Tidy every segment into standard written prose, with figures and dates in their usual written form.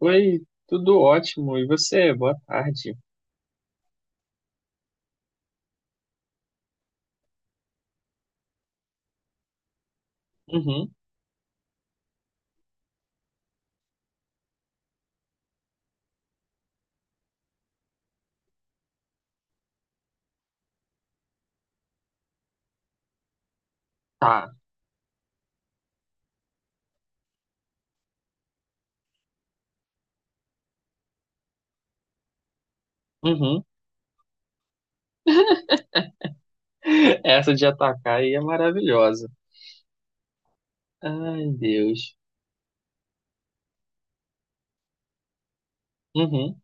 Oi, tudo ótimo. E você? Boa tarde. Uhum, tá. Uhum. Essa de atacar aí é maravilhosa. Ai, Deus. Uhum,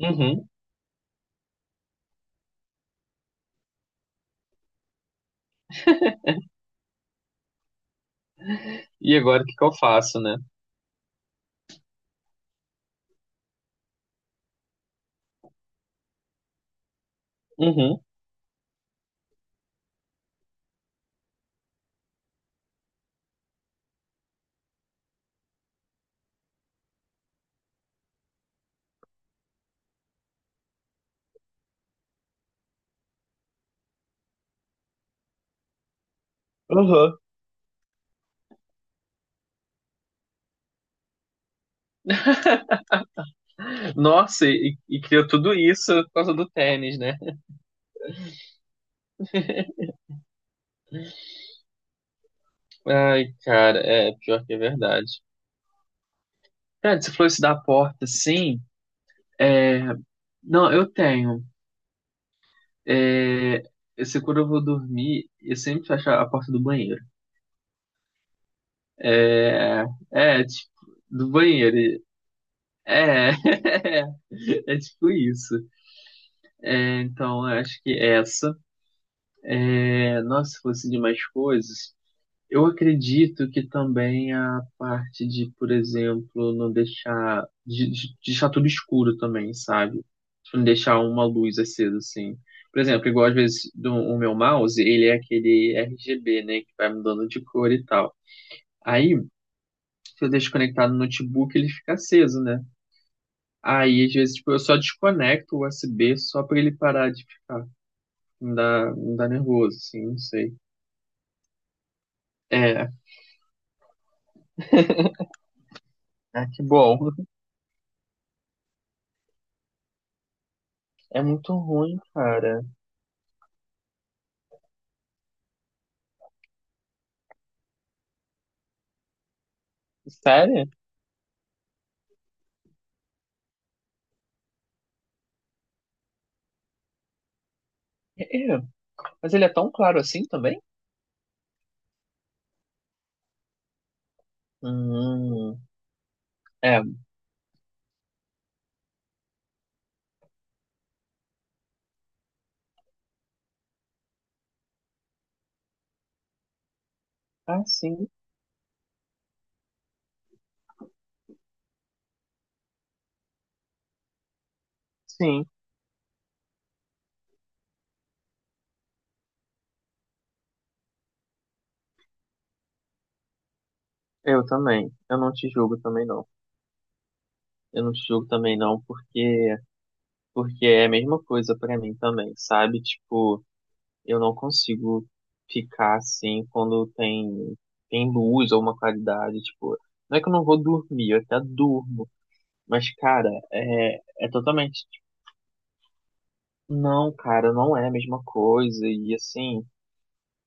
uhum. E agora o que que eu faço, né? Uhum. Uhum. Nossa, e criou tudo isso por causa do tênis, né? Ai, cara, é pior que é verdade. Cara, você falou isso da porta, sim. É, não, eu tenho. É, eu sei quando eu vou dormir, eu sempre fecho a porta do banheiro. É, é tipo, do banheiro. É, é tipo isso. É, então, eu acho que é essa. É, nossa, se fosse de mais coisas. Eu acredito que também a parte de, por exemplo, não deixar de deixar tudo escuro também, sabe? Tipo, não deixar uma luz acesa assim. Por exemplo, igual às vezes do, o meu mouse, ele é aquele RGB, né, que vai mudando de cor e tal. Aí, se eu deixo conectado no notebook, ele fica aceso, né? Aí, às vezes, tipo, eu só desconecto o USB só pra ele parar de ficar. Me dá nervoso, assim, não sei. É, ah, que bom. É muito ruim, cara. Sério? É, mas ele é tão claro assim também? Hum, é, ah, sim, sim, eu também. Eu não te julgo também não. Eu não te julgo também não, porque é a mesma coisa pra mim também, sabe? Tipo, eu não consigo ficar assim quando tem luz ou uma qualidade, tipo, não é que eu não vou dormir, eu até durmo, mas cara, é totalmente, tipo, não, cara, não é a mesma coisa e assim,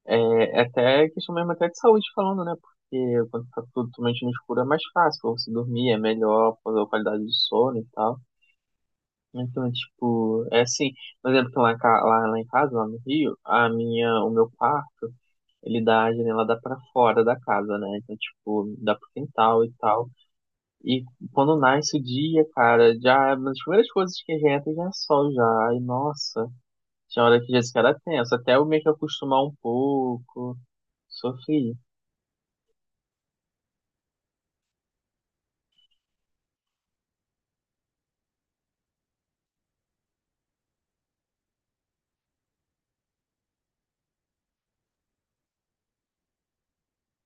é, é até questão mesmo até de saúde falando, né? Porque quando tá tudo totalmente no escuro é mais fácil pra você dormir, é melhor, fazer a qualidade do sono e tal. Então, tipo, é assim, por exemplo, que lá, lá, em casa, lá no Rio, a minha, o meu quarto, ele dá, a janela dá pra fora da casa, né? Então, tipo, dá pro quintal e tal. E quando nasce o dia, cara, já, uma das primeiras coisas que já entra já é sol já. E, nossa, tinha hora que já se era tenso, até eu meio que acostumar um pouco. Sofri.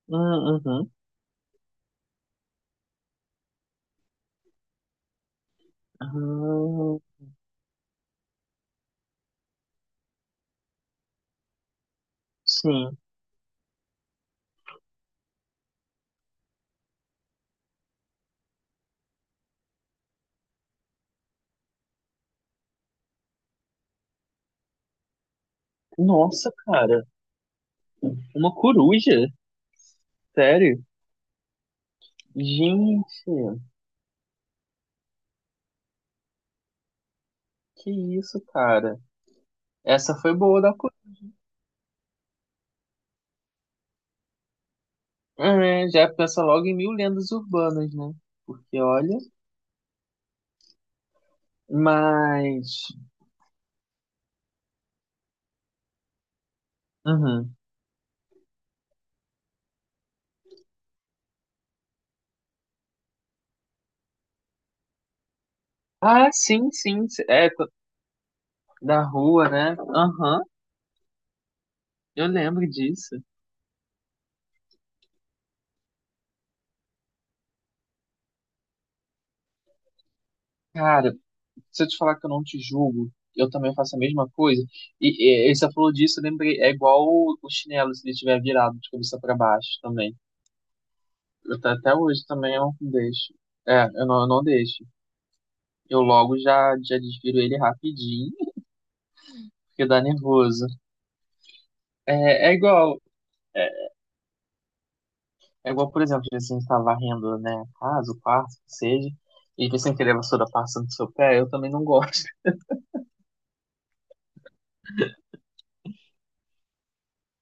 Uhum. Ah, sim. Nossa, cara. Uma coruja? Sério? Gente, que isso, cara. Essa foi boa da coruja. É, né? Já pensa logo em mil lendas urbanas, né? Porque olha. Mas. Uhum. Ah, sim, sim. Da rua, né? Aham. Eu lembro disso. Cara, se eu te falar que eu não te julgo, eu também faço a mesma coisa. E você falou disso, eu lembrei, é igual o chinelo se ele estiver virado de cabeça para baixo também. Até hoje também eu não deixo. É, eu não deixo. Eu logo já, já desviro ele rapidinho, porque dá nervoso. É, é igual, é, é igual, por exemplo, se a gente tá varrendo, né, a casa, o quarto, que seja, e você querer a vassoura passa no seu pé, eu também não gosto.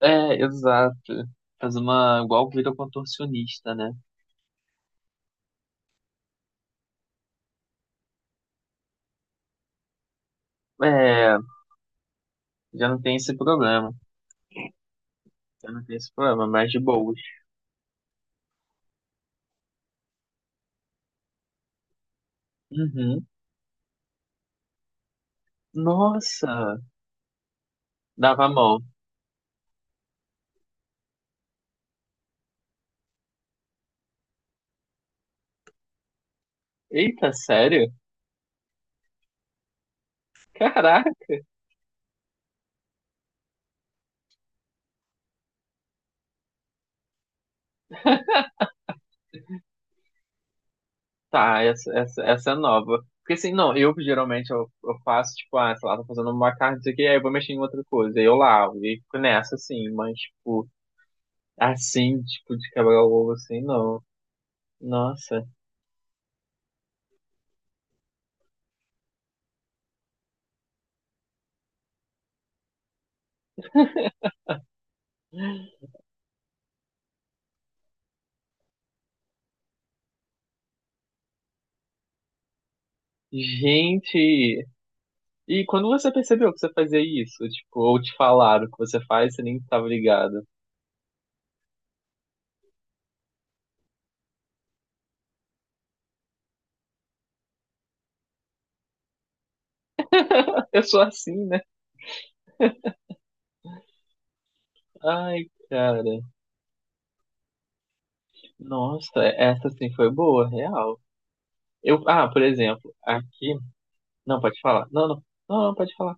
É, exato. Faz uma, igual vira contorcionista, né? É, já não tem esse problema. Já não tem esse problema, mais de boas. Uhum. Nossa! Dava mão. Eita, sério? Caraca! Tá, essa é nova. Porque assim, não, eu geralmente eu faço, tipo, ah, sei lá, tô fazendo uma carne, não sei o que, aí eu vou mexer em outra coisa, aí eu lavo, e fico nessa, assim, mas, tipo, assim, tipo, de quebrar o ovo, assim, não. Nossa. Gente! E quando você percebeu que você fazia isso? Tipo, ou te falaram que você faz, você nem tava ligado. Eu sou assim, né? Ai, cara. Nossa, essa sim foi boa, real. Eu, ah, por exemplo, aqui. Não, pode falar. Não, não. Não, não, pode falar.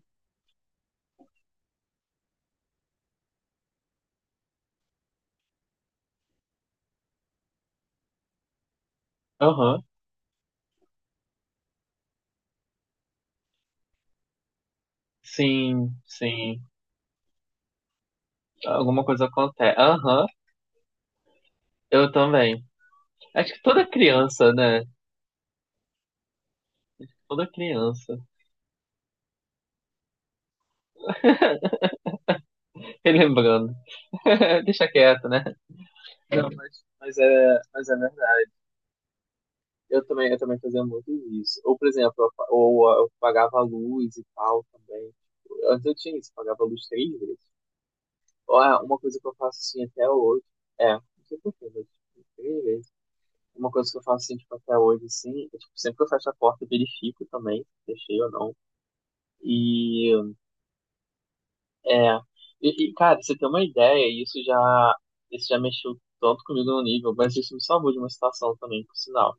Aham. Sim, sim. Alguma coisa acontece. Aham, eu também. Acho que toda criança, né? Toda criança. Relembrando. Deixa quieto, né? Não, mas é verdade. Eu também fazia muito isso. Ou, por exemplo, ou, eu pagava a luz e tal também. Antes eu tinha isso, pagava a luz três vezes. Ah, uma coisa que eu faço assim até hoje. É, não sei porquê, mas tipo, três vezes. Uma coisa que eu faço assim, tipo, até hoje, assim, é, tipo, sempre que eu fecho a porta, eu verifico também se fechei ou não. E é. E, cara, pra você tem uma ideia, isso já mexeu tanto comigo no nível, mas isso me salvou de uma situação também, por sinal.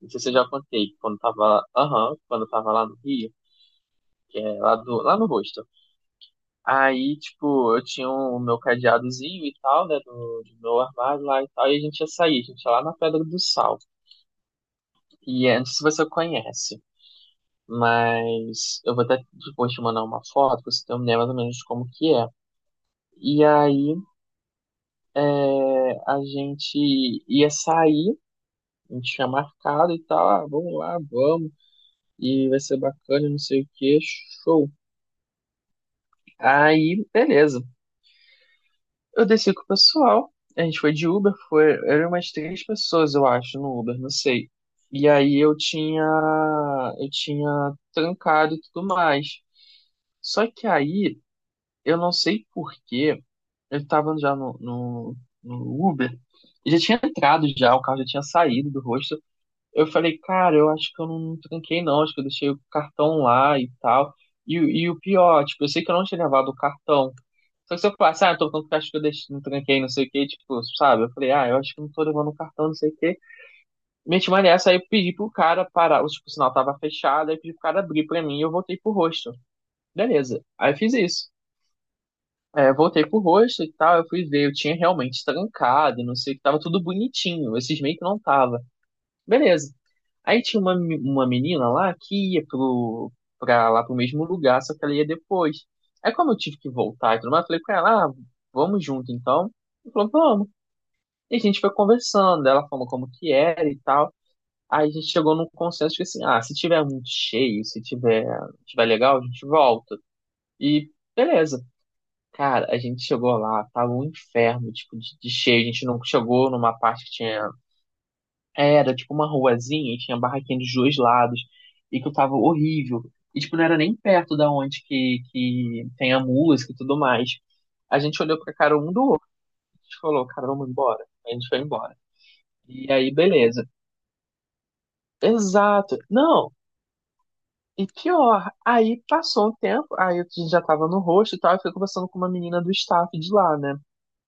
Não sei se eu já contei, quando eu tava lá, aham, quando eu tava lá no Rio, lá no rosto. Aí, tipo, eu tinha o meu cadeadozinho e tal, né, do meu armário lá e tal, e a gente ia sair, a gente ia lá na Pedra do Sal. E é, não sei se você conhece, mas eu vou até depois te mandar uma foto pra você ter uma ideia mais ou menos de como que é. E aí é, a gente ia sair, a gente tinha marcado e tal, ah, vamos lá, vamos, e vai ser bacana, não sei o que, show. Aí, beleza. Eu desci com o pessoal. A gente foi de Uber, foi, eram umas três pessoas, eu acho, no Uber, não sei. E aí eu tinha trancado e tudo mais. Só que aí, eu não sei por quê, eu tava já no Uber, e já tinha entrado já, o carro já tinha saído do rosto. Eu falei, cara, eu acho que eu não tranquei não, acho que eu deixei o cartão lá e tal. E, e o pior, tipo, eu sei que eu não tinha levado o cartão. Só que se eu falasse, ah, eu tô com cartão que eu deixei, não tranquei, não sei o que, tipo, sabe? Eu falei, ah, eu acho que não tô levando o cartão, não sei o que. Meti uma nessa, aí eu pedi pro cara parar, o, tipo, o sinal tava fechado, aí eu pedi pro cara abrir pra mim e eu voltei pro rosto. Beleza. Aí eu fiz isso. É, voltei pro rosto e tal, eu fui ver, eu tinha realmente trancado, não sei o que, tava tudo bonitinho, esses meio que não tava. Beleza. Aí tinha uma, uma menina lá que ia pra lá pro mesmo lugar, só que ela ia depois. Aí como eu tive que voltar e tudo mais, eu falei com ela, ah, vamos junto então. Ela falou, vamos. E a gente foi conversando, ela falou como que era e tal. Aí a gente chegou num consenso que assim, ah, se tiver muito cheio, se tiver, tiver legal, a gente volta. E beleza. Cara, a gente chegou lá, tava um inferno, tipo, de cheio. A gente não chegou numa parte que tinha era tipo uma ruazinha e tinha barraquinha dos dois lados. E que eu tava horrível. E tipo, não era nem perto da onde que tem a música e tudo mais. A gente olhou pra cara um do outro. A gente falou, cara, vamos embora. A gente foi embora. E aí, beleza. Exato. Não. E pior, aí passou um tempo, aí a gente já tava no rosto e tal, eu fui conversando com uma menina do staff de lá, né?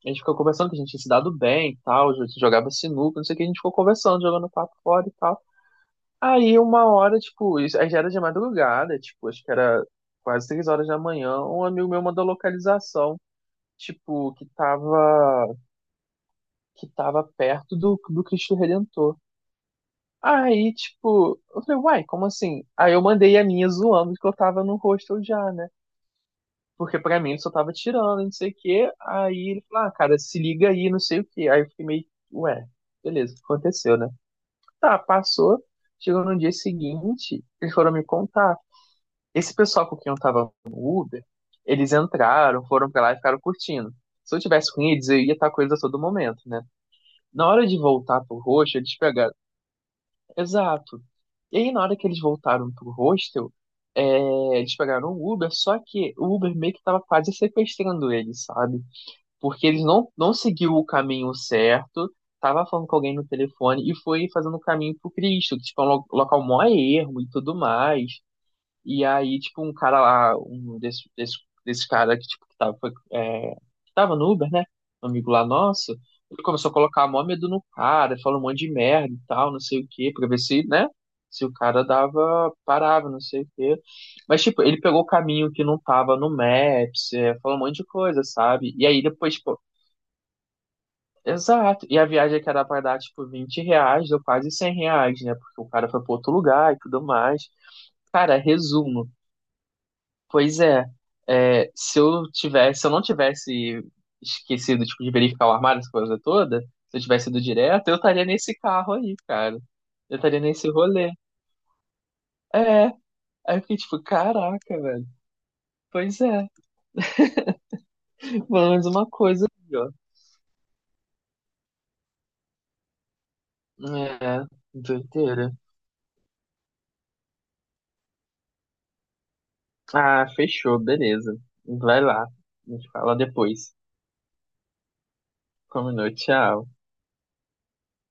A gente ficou conversando que a gente tinha se dado bem e tal, a gente jogava sinuca, não sei o que, a gente ficou conversando, jogando papo fora e tal. Aí uma hora, tipo, isso, aí já era de madrugada, tipo, acho que era quase 3 horas da manhã, um amigo meu mandou localização, tipo, que tava perto do Cristo Redentor. Aí, tipo, eu falei, uai, como assim? Aí eu mandei a minha zoando que eu tava no hostel já, né? Porque pra mim ele só tava tirando, não sei o quê. Aí ele falou, ah, cara, se liga aí, não sei o quê. Aí eu fiquei meio, ué, beleza, aconteceu, né? Tá, passou. Chegou no dia seguinte, eles foram me contar. Esse pessoal com quem eu tava no Uber, eles entraram, foram pra lá e ficaram curtindo. Se eu tivesse com eles, eu ia estar com eles a todo momento, né? Na hora de voltar pro roxo, eles pegaram. Exato. E aí, na hora que eles voltaram pro hostel, é, eles pegaram o Uber, só que o Uber meio que tava quase sequestrando eles, sabe? Porque eles não seguiu o caminho certo, tava falando com alguém no telefone e foi fazendo o caminho pro Cristo, que tipo, é um local mó ermo e tudo mais. E aí, tipo, um cara lá, desse cara que, tipo, que tava, foi, é, que tava no Uber, né? Um amigo lá nosso, ele começou a colocar mó medo no cara, falou um monte de merda e tal, não sei o quê, pra ver se, né? Se o cara dava, parava, não sei o quê. Mas, tipo, ele pegou o caminho que não tava no Maps, é, falou um monte de coisa, sabe? E aí depois, tipo, exato. E a viagem que era pra dar, tipo, R$ 20, deu quase R$ 100, né? Porque o cara foi pro outro lugar e tudo mais. Cara, resumo. Pois é, é, se eu tivesse, se eu não tivesse esquecido, tipo, de verificar o armário, essa coisa toda, se eu tivesse ido direto, eu estaria nesse carro aí, cara. Eu estaria nesse rolê. É, aí eu fiquei tipo, caraca, velho. Pois é, pelo menos uma coisa aí, ó. É, doideira. Ah, fechou, beleza. Vai lá, a gente fala depois. Combinou, tchau.